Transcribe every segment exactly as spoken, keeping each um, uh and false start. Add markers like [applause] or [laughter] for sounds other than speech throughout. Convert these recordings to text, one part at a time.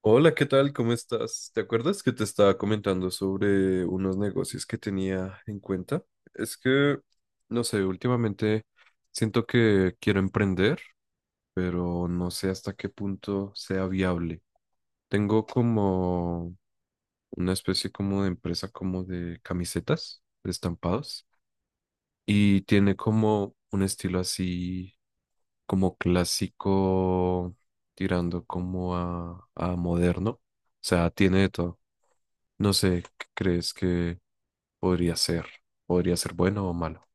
Hola, ¿qué tal? ¿Cómo estás? ¿Te acuerdas que te estaba comentando sobre unos negocios que tenía en cuenta? Es que, no sé, últimamente siento que quiero emprender, pero no sé hasta qué punto sea viable. Tengo como una especie como de empresa como de camisetas, de estampados, y tiene como un estilo así como clásico, tirando como a, a moderno. O sea, tiene de todo. No sé, ¿qué crees que podría ser? ¿Podría ser bueno o malo?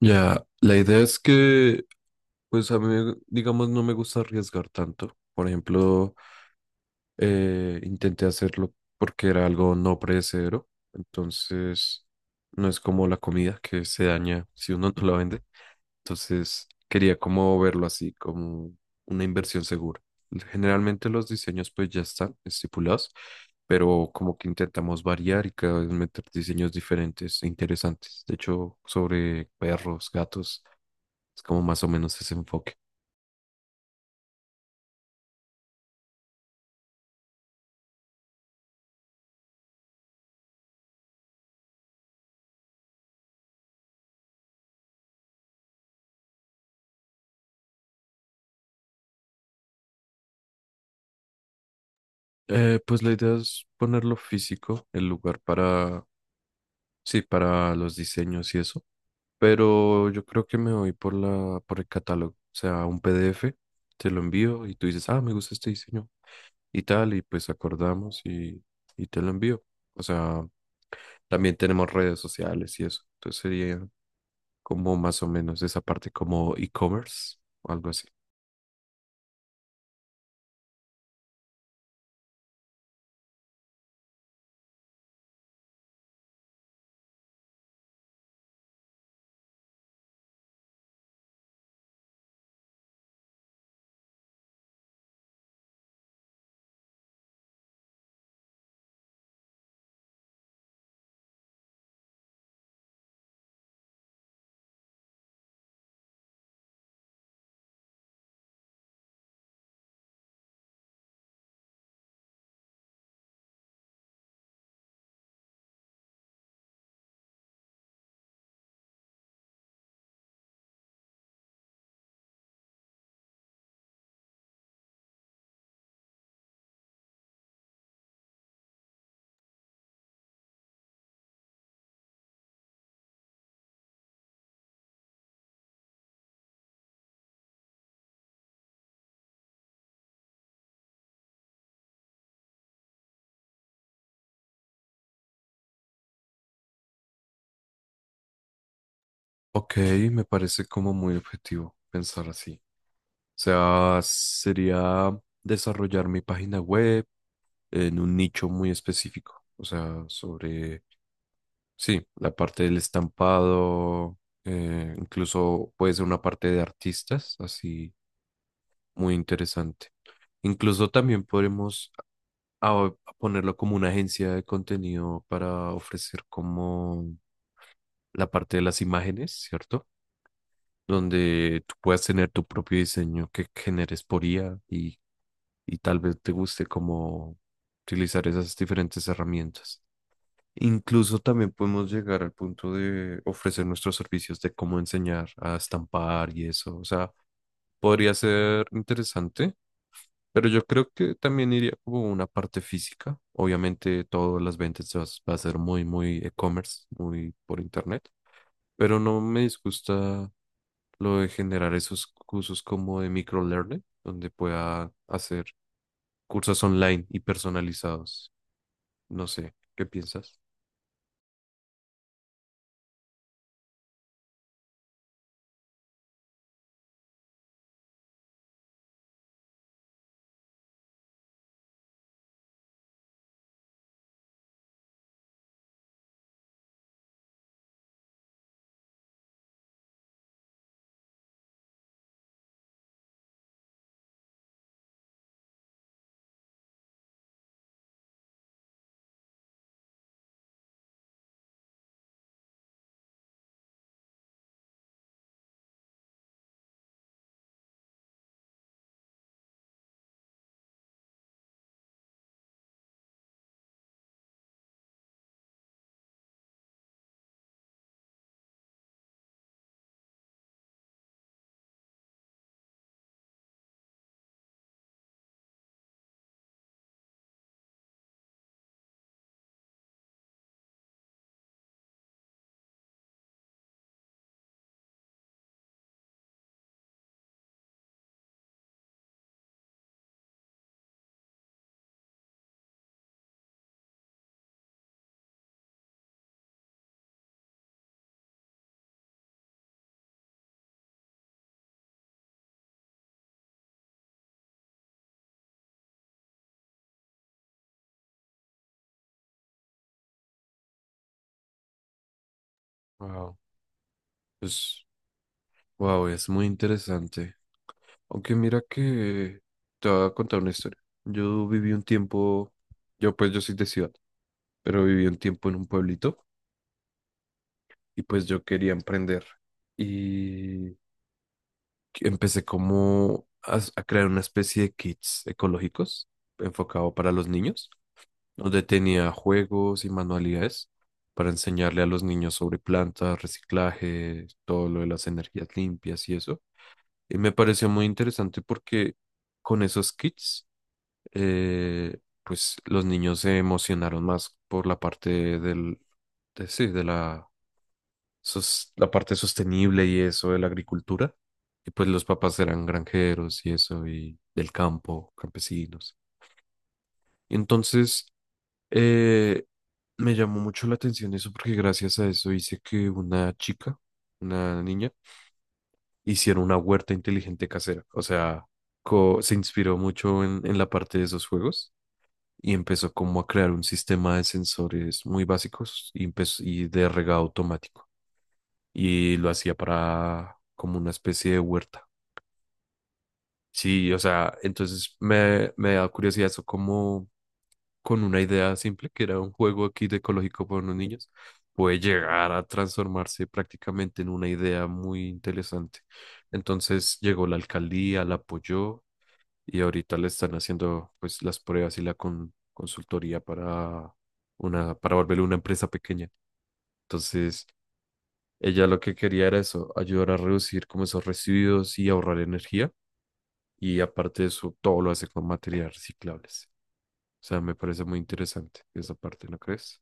Ya, la idea es que, pues a mí, digamos, no me gusta arriesgar tanto. Por ejemplo, eh, intenté hacerlo porque era algo no predecedero. Entonces, no es como la comida que se daña si uno [laughs] no la vende. Entonces, quería como verlo así, como una inversión segura. Generalmente los diseños pues ya están estipulados, pero como que intentamos variar y cada vez meter diseños diferentes e interesantes. De hecho, sobre perros, gatos, es como más o menos ese enfoque. Eh, pues la idea es ponerlo físico, el lugar para, sí, para los diseños y eso, pero yo creo que me voy por la, por el catálogo, o sea, un PDF, te lo envío y tú dices, ah, me gusta este diseño y tal, y pues acordamos y, y te lo envío. O sea, también tenemos redes sociales y eso. Entonces sería como más o menos esa parte como e-commerce o algo así. Ok, me parece como muy objetivo pensar así. O sea, sería desarrollar mi página web en un nicho muy específico. O sea, sobre, sí, la parte del estampado, eh, incluso puede ser una parte de artistas, así. Muy interesante. Incluso también podremos a- ponerlo como una agencia de contenido para ofrecer como la parte de las imágenes, ¿cierto? Donde tú puedas tener tu propio diseño que generes por I A y, y tal vez te guste como utilizar esas diferentes herramientas. Incluso también podemos llegar al punto de ofrecer nuestros servicios de cómo enseñar a estampar y eso. O sea, podría ser interesante. Pero yo creo que también iría como una parte física. Obviamente todas las ventas se vas- va a ser muy, muy e-commerce, muy por internet. Pero no me disgusta lo de generar esos cursos como de microlearning, donde pueda hacer cursos online y personalizados. No sé, ¿qué piensas? Wow. Pues, wow, es muy interesante. Aunque mira que te voy a contar una historia. Yo viví un tiempo, yo pues yo soy de ciudad, pero viví un tiempo en un pueblito y pues yo quería emprender. Y empecé como a, s- a crear una especie de kits ecológicos enfocado para los niños, donde tenía juegos y manualidades para enseñarle a los niños sobre plantas, reciclaje, todo lo de las energías limpias y eso. Y me pareció muy interesante porque con esos kits, eh, pues los niños se emocionaron más por la parte del, de, sí, de la sos- la parte sostenible y eso de la agricultura. Y pues los papás eran granjeros y eso, y del campo, campesinos. Entonces, eh, me llamó mucho la atención eso porque gracias a eso hice que una chica, una niña, hiciera una huerta inteligente casera. O sea, co- se inspiró mucho en, en la parte de esos juegos y empezó como a crear un sistema de sensores muy básicos y, empezó- y de regado automático, y lo hacía para como una especie de huerta. Sí, o sea, entonces me, me da curiosidad eso como con una idea simple, que era un juego aquí de ecológico para unos niños, puede llegar a transformarse prácticamente en una idea muy interesante. Entonces llegó la alcaldía, la apoyó y ahorita le están haciendo pues las pruebas y la con- consultoría para una, para volverlo una empresa pequeña. Entonces... Ella lo que quería era eso, ayudar a reducir como esos residuos y ahorrar energía. Y aparte de eso, todo lo hace con materiales reciclables. O sea, me parece muy interesante esa parte, ¿no crees?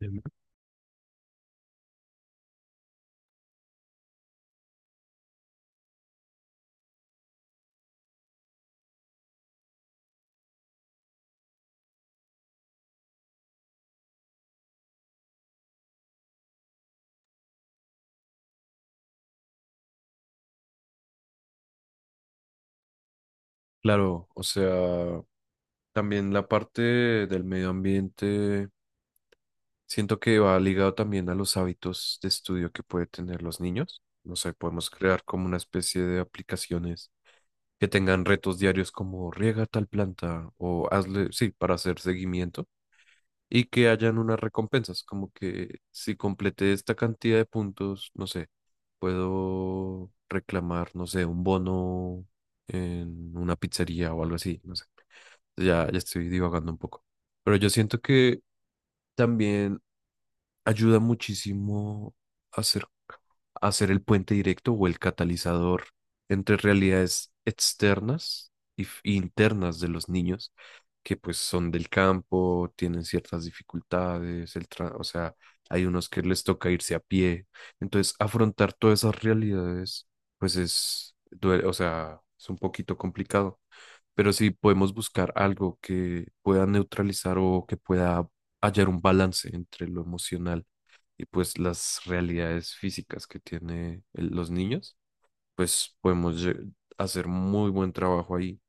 Em, Claro, o sea, también la parte del medio ambiente, siento que va ligado también a los hábitos de estudio que pueden tener los niños. No sé, podemos crear como una especie de aplicaciones que tengan retos diarios como riega tal planta o hazle, sí, para hacer seguimiento y que hayan unas recompensas, como que si completé esta cantidad de puntos, no sé, puedo reclamar, no sé, un bono en una pizzería o algo así, no sé. Ya, ya estoy divagando un poco. Pero yo siento que también ayuda muchísimo a hacer, a hacer el puente directo o el catalizador entre realidades externas y f- e internas de los niños que pues son del campo, tienen ciertas dificultades, el tra- o sea, hay unos que les toca irse a pie. Entonces, afrontar todas esas realidades pues es, due- o sea, es un poquito complicado. Pero si podemos buscar algo que pueda neutralizar o que pueda hallar un balance entre lo emocional y pues las realidades físicas que tiene el- los niños, pues podemos lle- hacer muy buen trabajo ahí.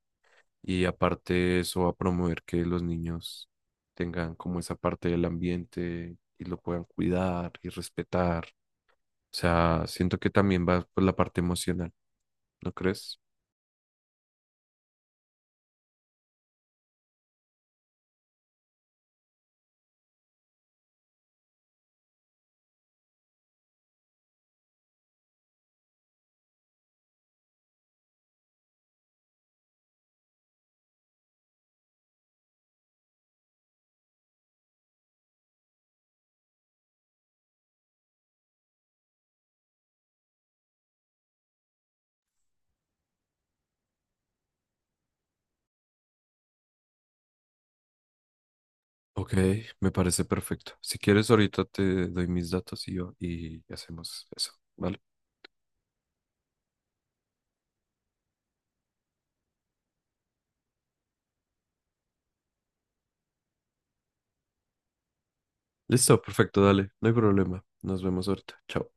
Y aparte eso va a promover que los niños tengan como esa parte del ambiente y lo puedan cuidar y respetar. O sea, siento que también va por la parte emocional, ¿no crees? Ok, me parece perfecto. Si quieres, ahorita te doy mis datos y yo y hacemos eso, ¿vale? Listo, perfecto, dale, no hay problema. Nos vemos ahorita. Chao.